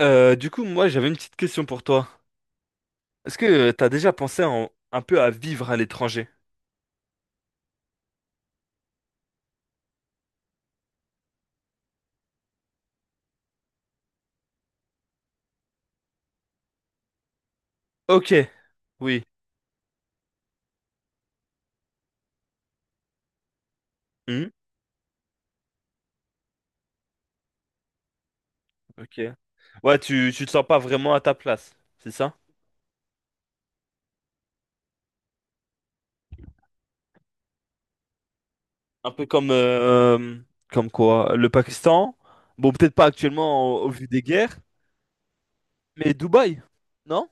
Du coup, j'avais une petite question pour toi. Est-ce que tu t'as déjà pensé un peu à vivre à l'étranger? Ok, oui. Hmm, ok. Ouais, tu te sens pas vraiment à ta place, c'est ça? Un peu comme, comme quoi, le Pakistan. Bon, peut-être pas actuellement au vu des guerres, mais Dubaï, non?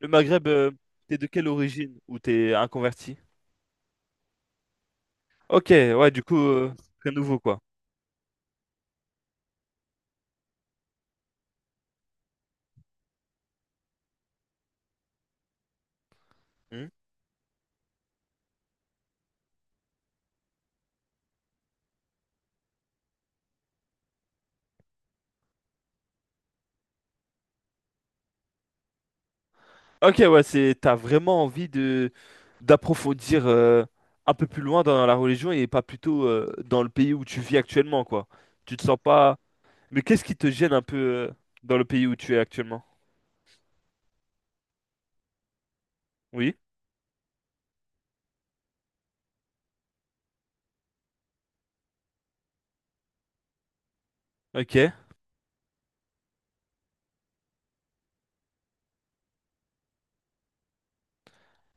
Le Maghreb, t'es de quelle origine? Ou t'es un converti? Ok, ouais, du coup, c'est très nouveau, quoi. Hmm. Ok, ouais, t'as vraiment envie de d'approfondir un peu plus loin dans la religion et pas plutôt dans le pays où tu vis actuellement, quoi. Tu te sens pas... Mais qu'est-ce qui te gêne un peu dans le pays où tu es actuellement? Oui, ok.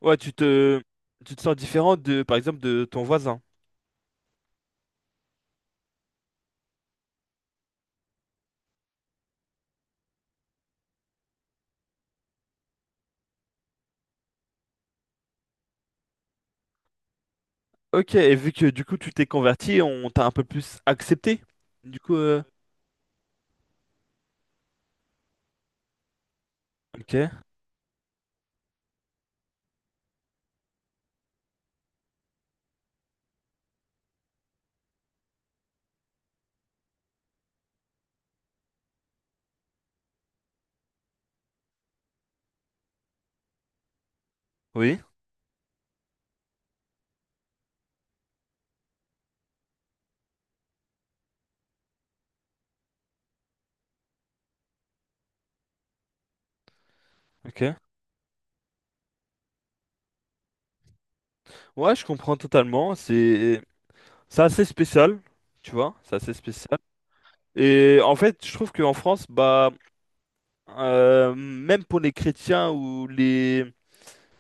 Ouais, tu te sens différent de, par exemple, de ton voisin. Ok, et vu que du coup tu t'es converti, on t'a un peu plus accepté. Du coup, ok, oui, ok. Ouais, je comprends totalement. C'est assez spécial, tu vois, c'est assez spécial. Et en fait, je trouve qu'en France, bah, même pour les chrétiens ou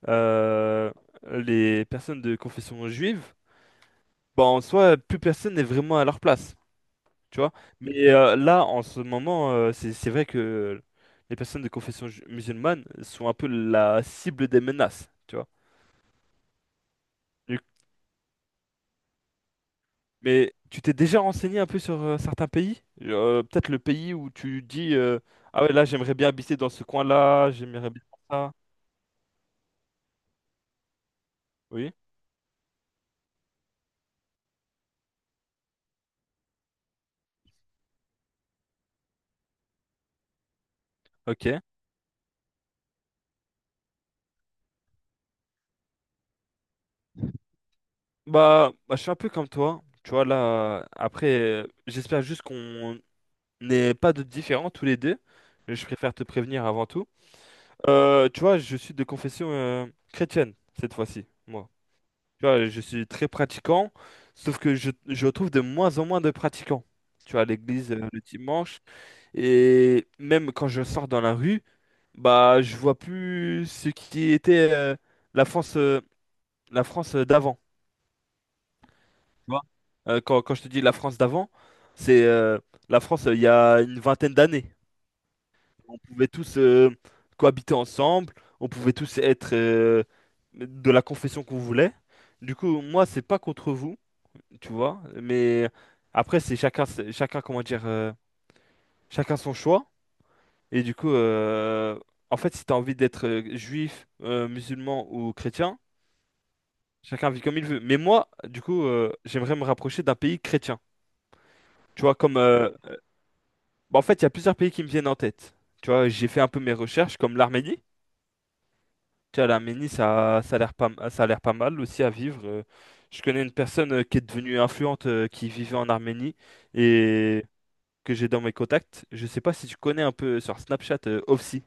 euh, les personnes de confession juive, bah, en soi, plus personne n'est vraiment à leur place, tu vois. Mais là, en ce moment, c'est vrai que les personnes de confession musulmane sont un peu la cible des menaces, tu vois. Du- Mais tu t'es déjà renseigné un peu sur certains pays? Peut-être le pays où tu dis, ah ouais, là, j'aimerais bien habiter dans ce coin-là, j'aimerais bien faire ça. Oui, ok. Bah, je suis un peu comme toi. Tu vois, là, après, j'espère juste qu'on n'est pas de différents tous les deux. Je préfère te prévenir avant tout. Tu vois, je suis de confession chrétienne cette fois-ci, moi. Tu vois, je suis très pratiquant, sauf que je trouve de moins en moins de pratiquants. Tu vois, à l'église le dimanche, et même quand je sors dans la rue, bah, je vois plus ce qui était la France, euh, la France d'avant, tu vois. Quand je te dis la France d'avant, c'est la France il y a une vingtaine d'années. On pouvait tous cohabiter ensemble, on pouvait tous être de la confession qu'on voulait. Du coup, moi, c'est pas contre vous, tu vois, mais après, chacun, comment dire, chacun son choix. Et du coup, en fait, si t'as envie d'être juif, musulman ou chrétien, chacun vit comme il veut. Mais moi, du coup, j'aimerais me rapprocher d'un pays chrétien. Tu vois, comme, bah, en fait, il y a plusieurs pays qui me viennent en tête. Tu vois, j'ai fait un peu mes recherches, comme l'Arménie. Tu vois, l'Arménie, ça a l'air pas mal aussi à vivre. Je connais une personne qui est devenue influente, qui vivait en Arménie et que j'ai dans mes contacts. Je sais pas si tu connais un peu sur Snapchat, Ofsi.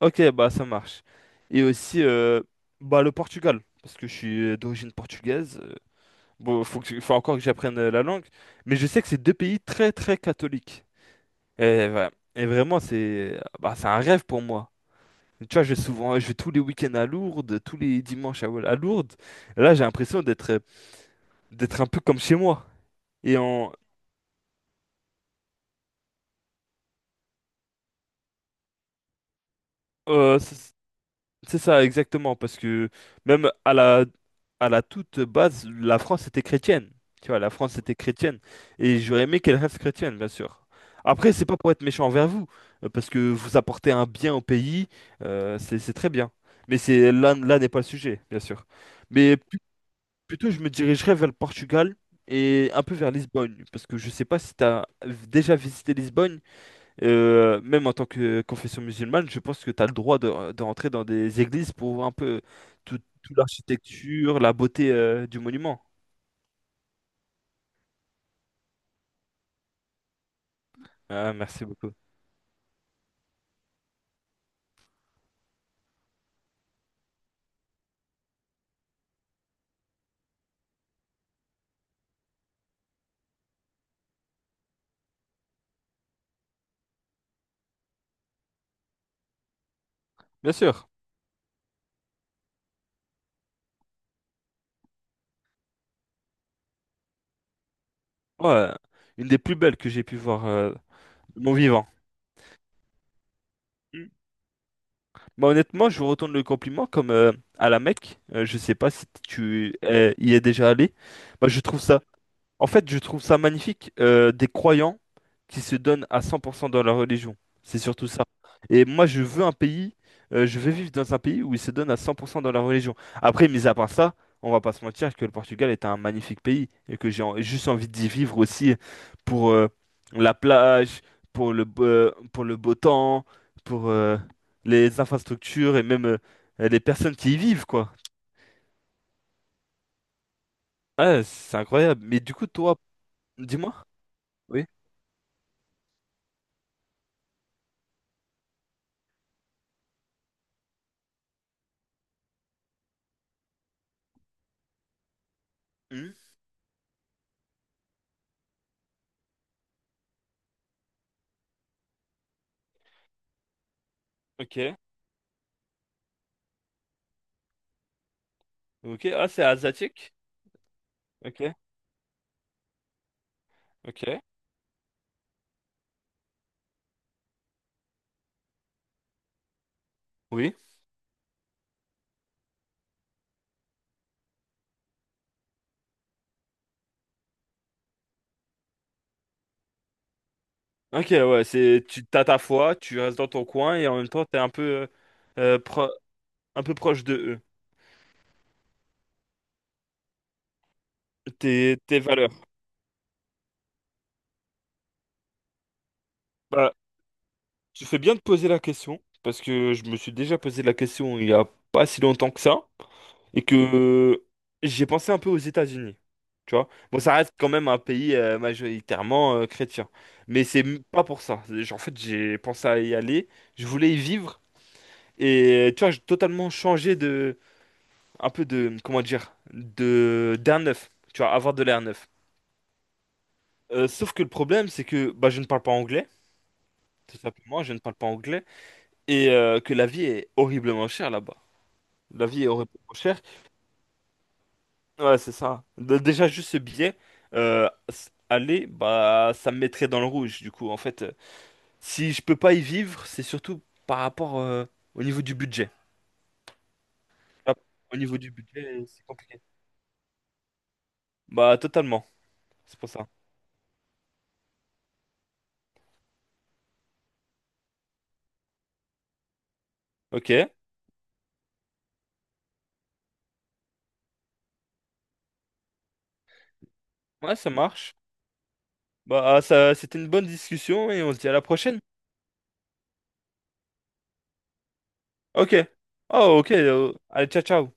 Ok, bah ça marche. Et aussi, bah le Portugal, parce que je suis d'origine portugaise. Bon, faut encore que j'apprenne la langue, mais je sais que c'est deux pays très très catholiques. Et voilà. Et vraiment, c'est bah, c'est un rêve pour moi. Tu vois, je vais tous les week-ends à Lourdes, tous les dimanches à Lourdes. Et là, j'ai l'impression d'être un peu comme chez moi. Et en, euh, c- C'est ça, exactement, parce que même à la toute base, la France était chrétienne. Tu vois, la France était chrétienne. Et j'aurais aimé qu'elle reste chrétienne, bien sûr. Après, c'est pas pour être méchant envers vous, parce que vous apportez un bien au pays, c'est très bien. Mais là n'est pas le sujet, bien sûr. Mais pl- Plutôt, je me dirigerais vers le Portugal et un peu vers Lisbonne, parce que je sais pas si tu as déjà visité Lisbonne, même en tant que confession musulmane, je pense que tu as le droit de rentrer dans des églises pour voir un peu tout l'architecture, la beauté du monument. Ah, merci beaucoup. Bien sûr. Ouais, une des plus belles que j'ai pu voir de mon vivant. Mm. Bah, honnêtement, je vous retourne le compliment comme à la Mecque. Euh, je sais pas si tu y es déjà allé. Bah, je trouve ça. En fait, je trouve ça magnifique, des croyants qui se donnent à 100% dans leur religion. C'est surtout ça. Et moi, je veux un pays, je veux vivre dans un pays où ils se donnent à 100% dans leur religion. Après, mis à part ça, on va pas se mentir que le Portugal est un magnifique pays et que juste envie d'y vivre aussi pour la plage, pour le beau temps, pour les infrastructures et même les personnes qui y vivent, quoi. Ouais, c'est incroyable. Mais du coup, toi, dis-moi. Oui. Hmm, ok. Ok, ah, c'est asiatique. Ok, ok. Oui. Ok, ouais, c'est tu t'as ta foi, tu restes dans ton coin et en même temps t'es un peu euh, pro- un peu proche de eux, tes tes valeurs. Bah, tu fais bien de poser la question parce que je me suis déjà posé la question il y a pas si longtemps que ça et que j'ai pensé un peu aux États-Unis. Tu vois? Bon, ça reste quand même un pays majoritairement chrétien, mais c'est pas pour ça. En fait, j'ai pensé à y aller, je voulais y vivre. Et tu vois, j'ai totalement changé un peu comment dire, d'air neuf. Tu vois, avoir de l'air neuf. Sauf que le problème, c'est que bah, je ne parle pas anglais, tout simplement, je ne parle pas anglais, et que la vie est horriblement chère là-bas. La vie est horriblement chère. Ouais, c'est ça. Déjà, juste ce billet, aller, bah, ça me mettrait dans le rouge. Du coup, en fait, si je peux pas y vivre, c'est surtout par rapport au niveau du budget. Hop. Au niveau du budget, c'est compliqué. Bah, totalement. C'est pour ça. Ok. Ouais, ça marche. Bah, ça, c'était une bonne discussion et on se dit à la prochaine. Ok. Oh, ok. Euh, allez, ciao, ciao.